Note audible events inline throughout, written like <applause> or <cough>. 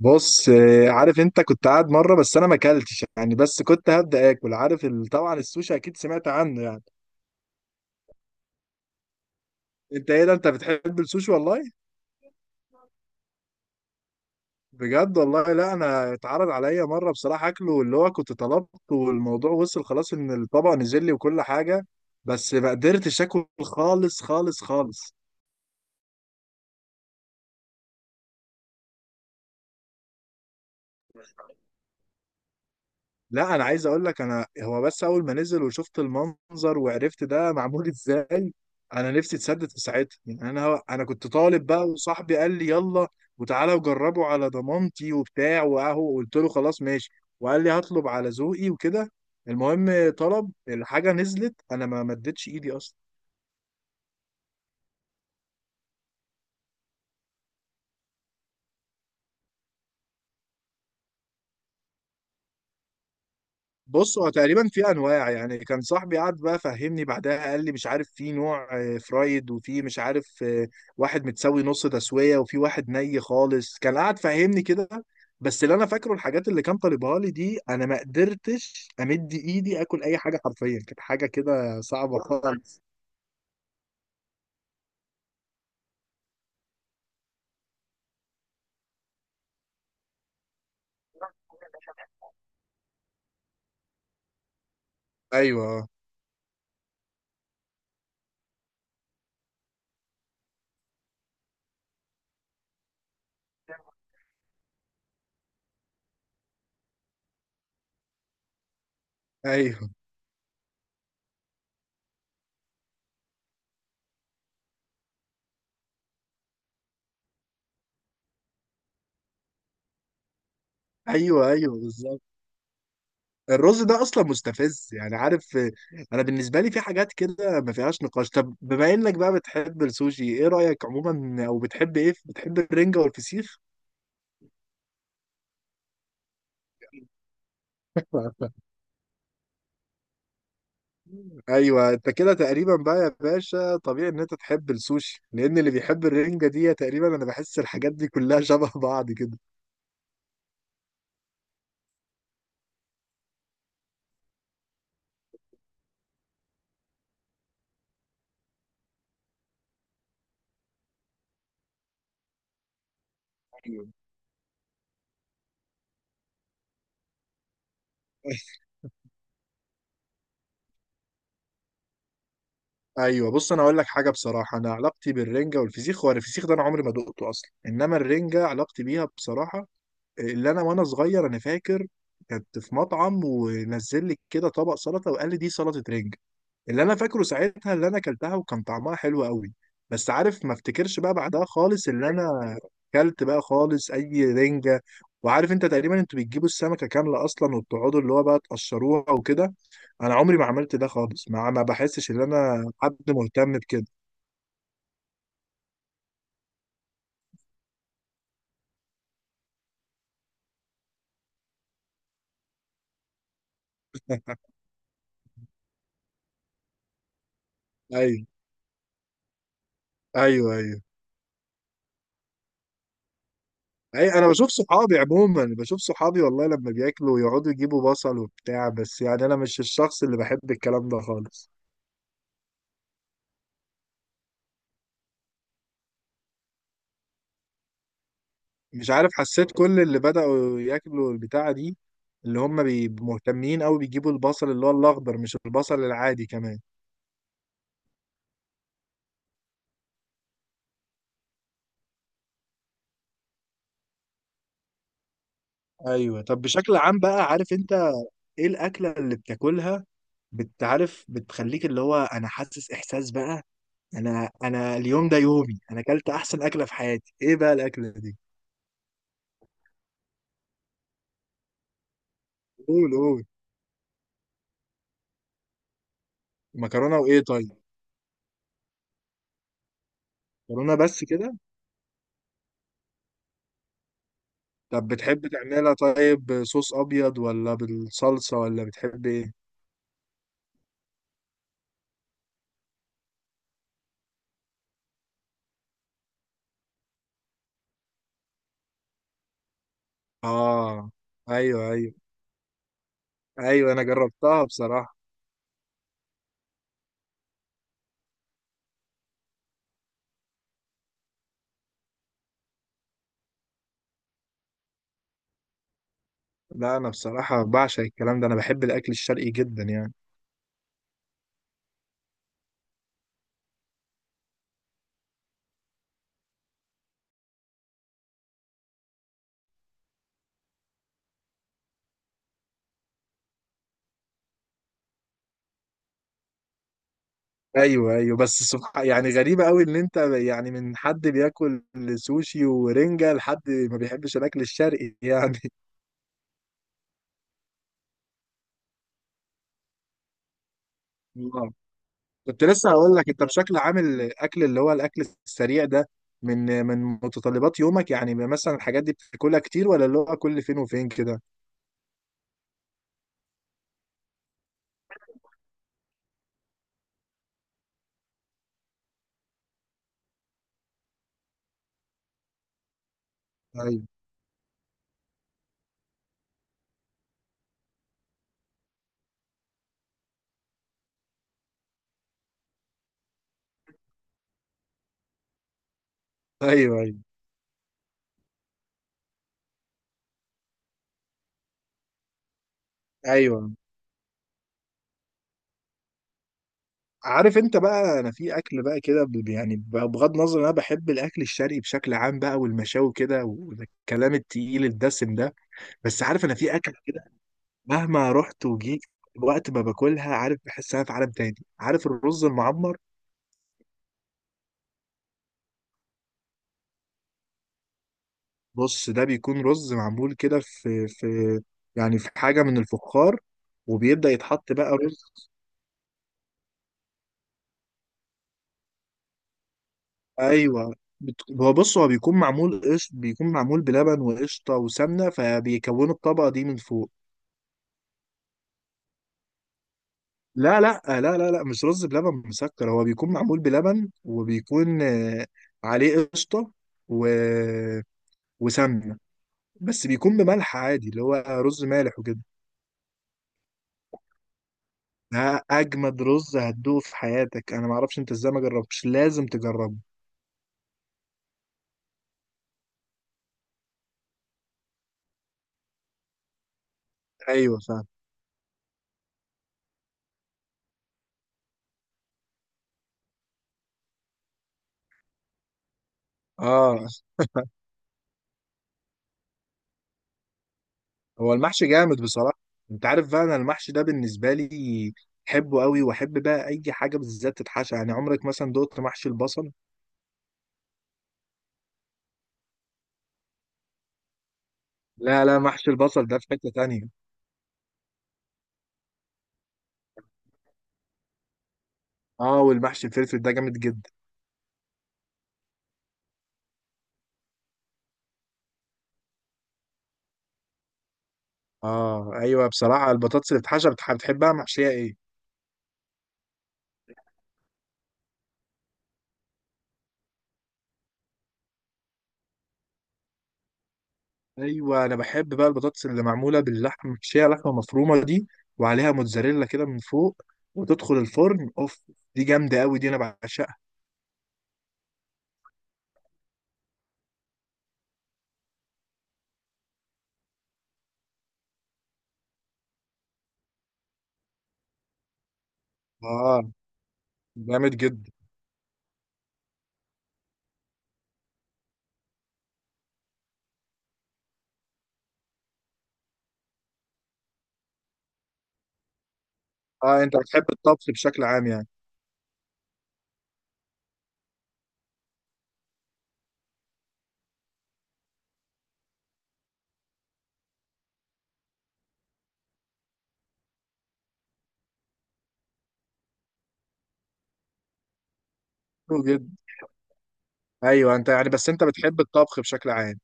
بص، عارف، انت كنت قاعد مره. بس انا ما اكلتش، بس كنت هبدا اكل. عارف طبعا السوشي اكيد سمعت عنه يعني. انت ايه ده، انت بتحب السوشي والله؟ بجد والله؟ لا انا اتعرض عليا مره بصراحه اكله اللي هو كنت طلبته، والموضوع وصل خلاص ان الطبق نزل لي وكل حاجه. بس ما قدرتش اكل خالص خالص خالص. لا انا عايز اقول لك، انا هو بس اول ما نزل وشفت المنظر وعرفت ده معمول <laughs> ازاي، انا نفسي اتسدد في ساعتها. يعني انا كنت طالب بقى، وصاحبي قال لي يلا وتعالى وجربه على ضمانتي وبتاع، واهو قلت له خلاص ماشي. وقال لي هطلب على ذوقي وكده. المهم طلب الحاجه، نزلت، انا ما مدتش ايدي اصلا. بص، هو تقريبا في انواع. يعني كان صاحبي قعد بقى فهمني بعدها، قال لي مش عارف في نوع فرايد، وفي مش عارف واحد متسوي نص تسويه، وفي واحد ني خالص. كان قعد فهمني كده. بس اللي انا فاكره الحاجات اللي كان طالبها لي دي انا ما قدرتش امد ايدي اكل اي حاجه. حرفيا كانت حاجه كده صعبه خالص. ايوه، ايوه ايوه ايوه، بالظبط. الرز ده اصلا مستفز. يعني عارف؟ انا بالنسبه لي في حاجات كده ما فيهاش نقاش. طب، بما انك بقى بتحب السوشي، ايه رايك عموما، او بتحب ايه؟ بتحب الرنجه والفسيخ؟ <laughs> ايوه، انت كده تقريبا بقى يا باشا طبيعي ان انت تحب السوشي، لان اللي بيحب الرنجه دي تقريبا انا بحس الحاجات دي كلها <laughs> شبه بعض كده. أيوة. ايوه، بص انا اقول لك حاجه بصراحه. انا علاقتي بالرنجه والفسيخ، هو الفسيخ ده انا عمري ما دقته اصلا. انما الرنجه علاقتي بيها بصراحه، اللي انا وانا صغير، انا فاكر كنت في مطعم، ونزل لي كده طبق سلطه وقال لي دي سلطه رنج. اللي انا فاكره ساعتها اللي انا اكلتها وكان طعمها حلو قوي. بس عارف، ما افتكرش بقى بعدها خالص اللي انا اكلت بقى خالص اي رنجه. وعارف انت تقريبا انتوا بتجيبوا السمكه كامله اصلا، وبتقعدوا اللي هو بقى تقشروها وكده. انا عمري ما عملت ده خالص. ما بحسش ان انا حد مهتم بكده. ايوه ايوه ايوه. اي، انا بشوف صحابي عموما. بشوف صحابي والله لما بياكلوا يقعدوا يجيبوا بصل وبتاع. بس يعني انا مش الشخص اللي بحب الكلام ده خالص. مش عارف، حسيت كل اللي بدأوا ياكلوا البتاعة دي اللي هم مهتمين قوي بيجيبوا البصل اللي هو الاخضر، مش البصل العادي كمان. ايوه. طب، بشكل عام بقى، عارف انت، ايه الاكلة اللي بتاكلها بتعرف بتخليك اللي هو انا حاسس احساس بقى انا انا اليوم ده يومي انا اكلت احسن اكلة في حياتي؟ ايه بقى الاكلة دي؟ قول، قول. مكرونة وايه؟ طيب. مكرونه بس كده؟ طب بتحب تعملها طيب صوص ابيض ولا بالصلصه، ولا بتحب ايه؟ اه، ايوه ايوه ايوه، انا جربتها بصراحه. لا انا بصراحه بعشق الكلام ده. انا بحب الاكل الشرقي جدا يعني. ايوه ايوه، بس سبحان، يعني غريبه قوي ان انت، يعني من حد بياكل سوشي ورنجه، لحد ما بيحبش الاكل الشرقي يعني. <laughs> كنت لسه هقول لك، انت بشكل عام الاكل اللي هو الاكل السريع ده من من متطلبات يومك؟ يعني مثلا الحاجات دي بتاكلها كتير، ولا اللي هو كل فين وفين كده؟ ايوه. ايوه ايوه ايوه. عارف انت بقى، انا في اكل بقى كده، يعني بغض النظر انا بحب الاكل الشرقي بشكل عام بقى، والمشاوي كده، والكلام التقيل الدسم ده. بس عارف، انا في اكل كده مهما رحت وجيت وقت ما باكلها، عارف بحس انا في عالم تاني. عارف الرز المعمر؟ بص، ده بيكون رز معمول كده في يعني في حاجة من الفخار، وبيبدأ يتحط بقى رز. ايوه. هو بص، هو بيكون معمول قش، بيكون معمول بلبن وقشطة وسمنة، فبيكونوا الطبقة دي من فوق. لا لا لا لا لا، مش رز بلبن مسكر. هو بيكون معمول بلبن، وبيكون عليه قشطة، و... وسمنة. بس بيكون بملح عادي، اللي هو رز مالح وكده. ده أجمد رز هتدوقه في حياتك. أنا معرفش أنت إزاي ما جربتش، لازم تجربه. ايوه، فاهم. اه. هو المحشي جامد بصراحه. انت عارف بقى، انا المحشي ده بالنسبه لي بحبه قوي، واحب بقى اي حاجه بالذات تتحشى. يعني عمرك مثلا دقت محشي البصل؟ لا لا، محشي البصل ده في حته تانية. اه، والمحشي الفلفل ده جامد جدا. اه ايوه، بصراحه البطاطس اللي بتتحشى، بتحبها محشيه ايه؟ ايوه، انا بحب بقى البطاطس اللي معموله باللحمه، محشيه لحمه مفرومه دي، وعليها موتزاريلا كده من فوق، وتدخل الفرن اوف. دي جامده قوي. دي انا بعشقها. اه، جامد جدا. اه، انت بتحب الطبخ بشكل عام يعني؟ حلو جدا. ايوه، انت يعني، بس انت بتحب الطبخ بشكل عام.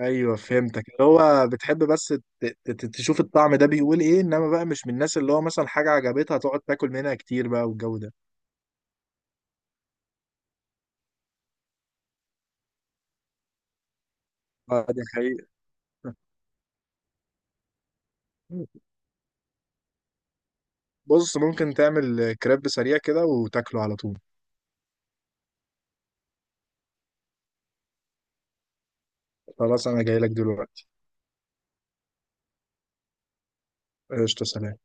ايوه، فهمتك. اللي هو بتحب بس تشوف الطعم ده بيقول ايه، انما بقى مش من الناس اللي هو مثلا حاجه عجبتها تقعد تاكل منها كتير بقى والجو ده. اه، دي حقيقة. <laughs> بص، ممكن تعمل كريب سريع كده وتاكله على طول. خلاص، انا جاي لك دلوقتي. قشطة، سلام.